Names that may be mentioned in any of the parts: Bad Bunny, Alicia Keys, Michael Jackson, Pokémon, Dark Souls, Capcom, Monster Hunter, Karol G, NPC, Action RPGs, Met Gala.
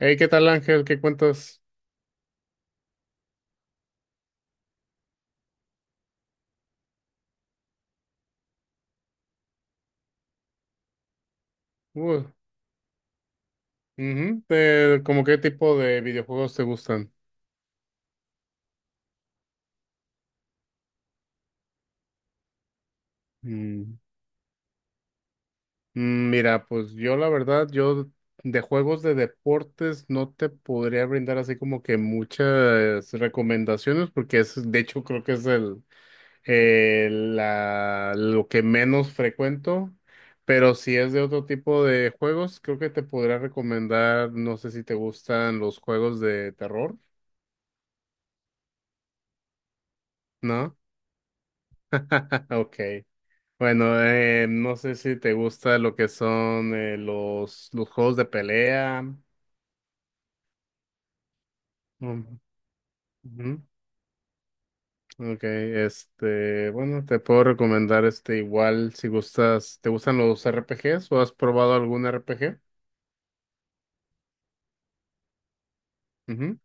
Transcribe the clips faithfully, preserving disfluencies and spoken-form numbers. Hey, ¿qué tal, Ángel? ¿Qué cuentas? Uh, ujú. Eh, ¿cómo qué tipo de videojuegos te gustan? Mm, mm, Mira, pues yo la verdad, yo de juegos de deportes no te podría brindar así como que muchas recomendaciones porque es, de hecho, creo que es el, eh, la, lo que menos frecuento. Pero si es de otro tipo de juegos, creo que te podría recomendar, no sé si te gustan los juegos de terror, ¿no? Ok. Bueno, eh, no sé si te gusta lo que son eh, los, los juegos de pelea. Mm, ujú. Ok, este, bueno, te puedo recomendar este igual si gustas, ¿te gustan los R P R P G s o has probado algún R P G? Ujú,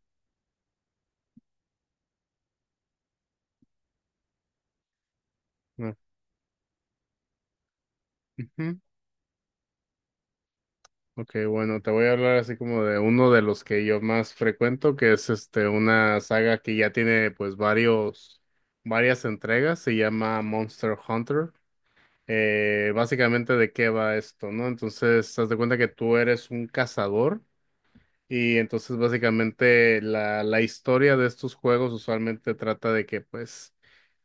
no, ujú. Ok, bueno, te voy a hablar así como de uno de los que yo más frecuento, que es este una saga que ya tiene pues varios, varias entregas, se llama Monster Hunter. Eh, básicamente de qué va esto, ¿no? Entonces, haz de cuenta que tú eres un cazador. Y entonces básicamente la, la historia de estos juegos usualmente trata de que pues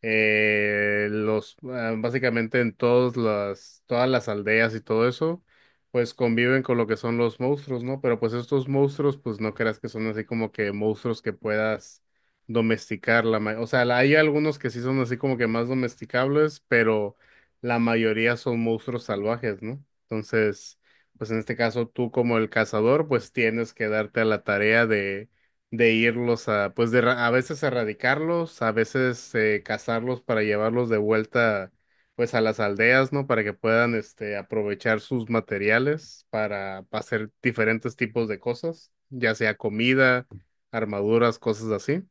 eh, los ah, básicamente en todas las todas las aldeas y todo eso pues conviven con lo que son los monstruos, ¿no? Pero pues estos monstruos pues no creas que son así como que monstruos que puedas domesticar la ma- o sea, la- hay algunos que sí son así como que más domesticables, pero la mayoría son monstruos salvajes, ¿no? Entonces pues en este caso tú como el cazador, pues tienes que darte a la tarea de, de irlos a, pues de, ra- a veces erradicarlos, a veces eh, cazarlos para llevarlos de vuelta, pues a las aldeas, ¿no? Para que puedan, este, aprovechar sus materiales para, pa hacer diferentes tipos de cosas, ya sea comida, armaduras, cosas así.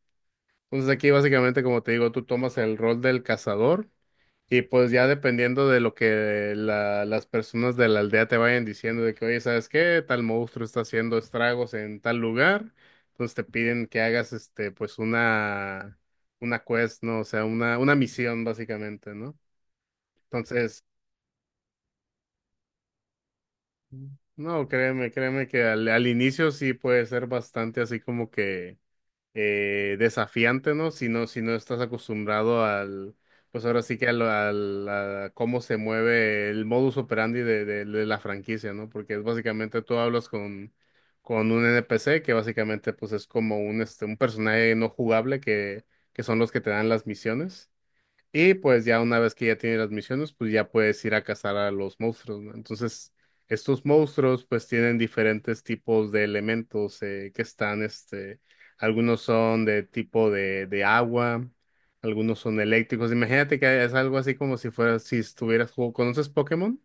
Entonces aquí básicamente, como te digo, tú tomas el rol del cazador. Y pues ya dependiendo de lo que la- las personas de la aldea te vayan diciendo de que, oye, ¿sabes qué? Tal monstruo está haciendo estragos en tal lugar. Entonces te piden que hagas este, pues una, una quest, ¿no? O sea, una, una misión básicamente, ¿no? Entonces, no, créeme, créeme que al, al inicio sí puede ser bastante así como que eh, desafiante, ¿no? Si no, si no estás acostumbrado al, pues ahora sí que al, al- a cómo se mueve el modus operandi de, de- de la franquicia, ¿no? Porque es básicamente tú hablas con, con un N P C que básicamente pues es como un, este, un personaje no jugable que, que son los que te dan las misiones. Y pues ya una vez que ya tienes las misiones, pues ya puedes ir a cazar a los monstruos, ¿no? Entonces, estos monstruos pues tienen diferentes tipos de elementos eh, que están, este, algunos son de tipo de, de agua, algunos son eléctricos. Imagínate que es algo así como si fuera, si estuvieras, jugando- ¿conoces Pokémon?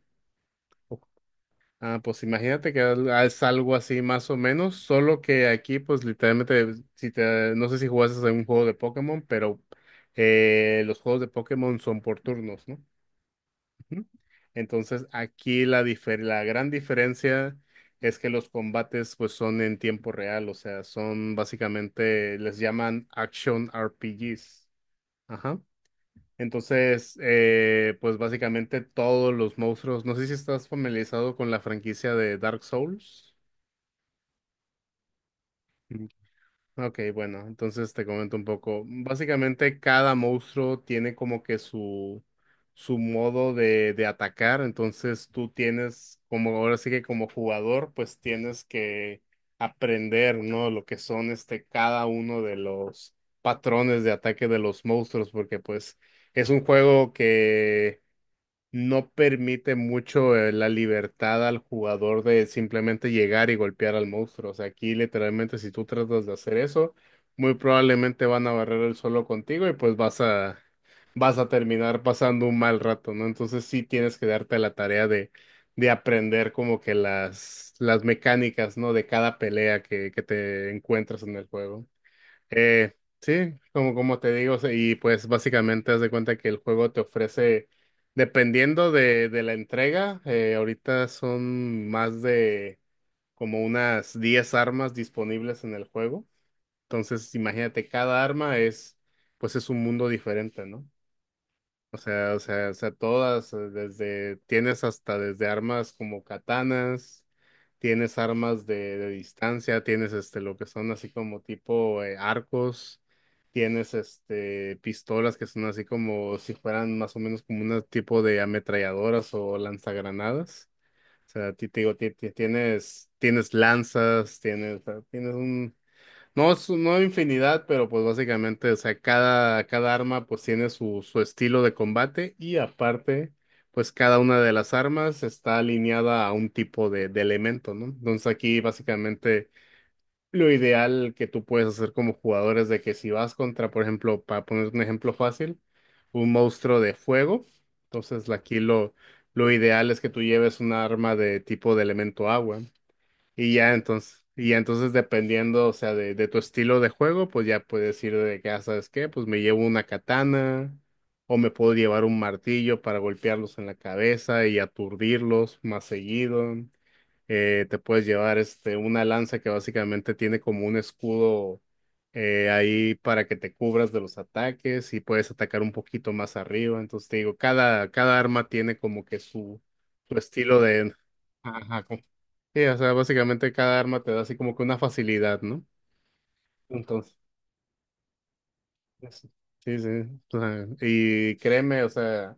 Ah, pues imagínate que al- es algo así más o menos, solo que aquí pues literalmente, si te, no sé si jugases a un juego de Pokémon, pero eh, los juegos de Pokémon son por turnos, ¿no? Ujú. Entonces aquí la, difer- la gran diferencia es que los combates pues son en tiempo real, o sea, son básicamente, les llaman Action R P G s. Ajá. Entonces, eh, pues básicamente todos los monstruos, no sé si estás familiarizado con la franquicia de Dark Souls. Mm. Ok, bueno, entonces te comento un poco. Básicamente cada monstruo tiene como que su, su modo de, de atacar, entonces tú tienes, como ahora sí que como jugador, pues tienes que aprender, ¿no? Lo que son este, cada uno de los patrones de ataque de los monstruos, porque pues es un juego no permite mucho eh, la libertad al jugador de simplemente llegar y golpear al monstruo. O sea, aquí literalmente si tú tratas de hacer eso, muy probablemente van a barrer el suelo contigo y pues vas a vas a terminar pasando un mal rato, ¿no? Entonces sí tienes que darte la tarea de de aprender como que las las mecánicas, ¿no? De cada pelea que que te encuentras en el juego. Eh, sí, como, como te digo, se- y pues básicamente haz de cuenta que el juego te ofrece, dependiendo de, de la entrega, eh, ahorita son más de como unas diez armas disponibles en el juego. Entonces, imagínate, cada arma es, pues es un mundo diferente, ¿no? O sea, o sea, o sea, todas, eh, desde, tienes hasta desde armas como katanas, tienes armas de, de distancia, tienes este, lo que son así como tipo eh, arcos, tienes este, pistolas que son así como si fueran más o menos como un tipo de ametralladoras o lanzagranadas. O sea, ti- te digo, ti- ti- tienes, tienes lanzas, tienes, tienes un, no, es- no infinidad, pero pues básicamente, o sea, cada, cada arma pues tiene su, su estilo de combate y aparte, pues cada una de las armas está alineada a un tipo de, de elemento, ¿no? Entonces aquí básicamente lo ideal que tú puedes hacer como jugador es de que si vas contra, por ejemplo, para poner un ejemplo fácil, un monstruo de fuego, entonces aquí lo, lo ideal es que tú lleves un arma de tipo de elemento agua. Y ya entonces, y ya entonces dependiendo, o sea, de, de tu estilo de juego, pues ya puedes ir de que, ah, ¿sabes qué? Pues me llevo una katana o me puedo llevar un martillo para golpearlos en la cabeza y aturdirlos más seguido. Eh, te puedes llevar este, una lanza que básicamente tiene como un escudo eh, ahí para que te cubras de los ataques y puedes atacar un poquito más arriba. Entonces te digo, cada, cada arma tiene como que su, su estilo de... Ajá, sí, o sea, básicamente cada arma te da así como que una facilidad, ¿no? Entonces, eso. Sí, sí. O sea, y créeme, o sea,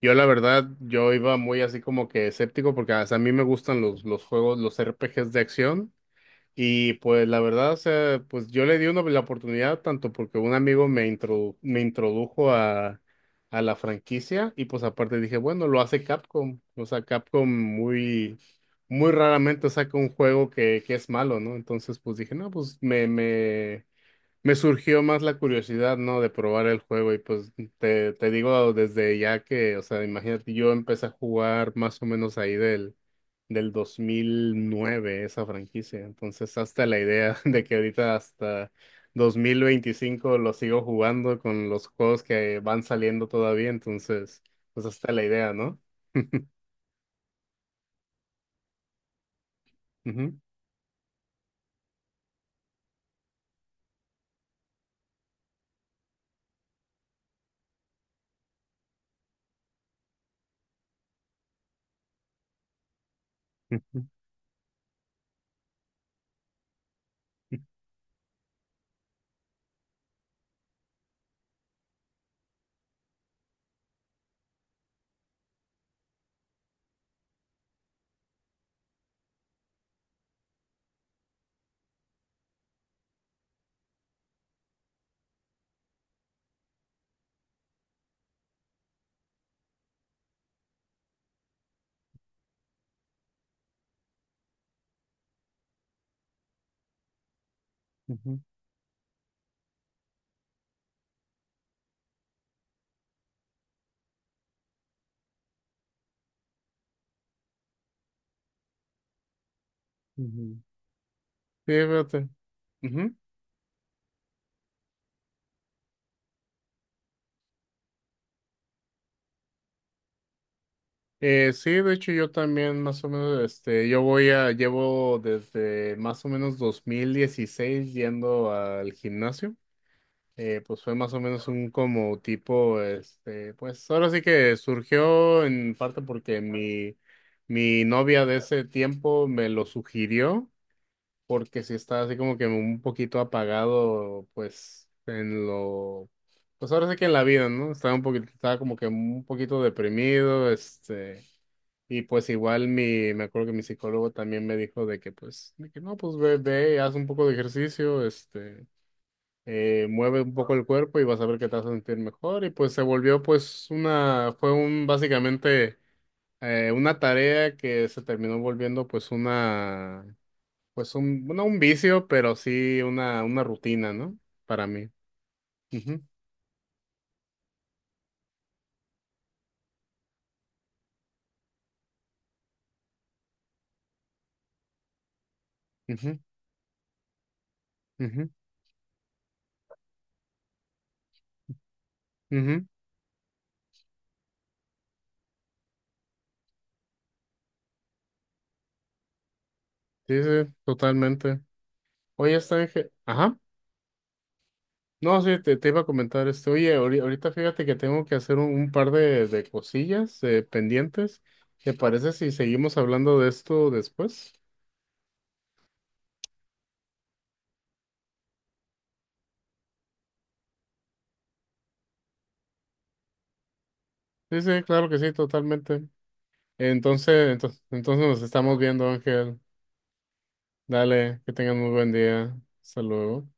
yo la verdad, yo iba muy así como que escéptico porque o sea, a mí me gustan los, los juegos, los R P G s de acción. Y pues la verdad, o sea, pues yo le di una, la oportunidad tanto porque un amigo me, introdu- me introdujo a, a la franquicia y pues aparte dije, bueno, lo hace Capcom. O sea, Capcom muy, muy raramente saca un juego que, que es malo, ¿no? Entonces pues dije, no, pues me, me, me surgió más la curiosidad, ¿no? De probar el juego y pues te, te digo desde ya que, o sea, imagínate, yo empecé a jugar más o menos ahí del, del dos mil nueve esa franquicia, entonces hasta la idea de que ahorita hasta dos mil veinticinco lo sigo jugando con los juegos que van saliendo todavía, entonces, pues hasta la idea, ¿no? Ujú, ujú, ujú, ujú. Sí, fíjate. Eh, sí, de hecho yo también más o menos, este, yo voy a, llevo desde más o menos dos mil dieciséis yendo al gimnasio. Eh, pues fue más o menos un como tipo, este, pues ahora sí que surgió en parte porque mi, mi novia de ese tiempo me lo sugirió, porque sí estaba así como que un poquito apagado, pues en lo, pues ahora sí que en la vida, ¿no? Estaba un poquito, estaba como que un poquito deprimido, este. Y pues igual mi, me acuerdo que mi psicólogo también me dijo de que pues, de que no, pues ve, ve, haz un poco de ejercicio, este, eh, mueve un poco el cuerpo y vas a ver que te vas a sentir mejor. Y pues se volvió pues una, fue un, básicamente, eh, una tarea que se terminó volviendo pues una, pues un, no un vicio, pero sí una, una rutina, ¿no? Para mí. Ujú, ujú, ujú, ujú. Sí, sí, totalmente. Oye, está, Ángel. Ajá. No, sí, te, te iba a comentar esto. Oye, ahori- ahorita fíjate que tengo que hacer un, un par de, de cosillas eh, pendientes. ¿Te parece si seguimos hablando de esto después? Sí, sí, claro que sí, totalmente. Entonces, entonces, entonces nos estamos viendo, Ángel. Dale, que tengan muy buen día. Hasta luego.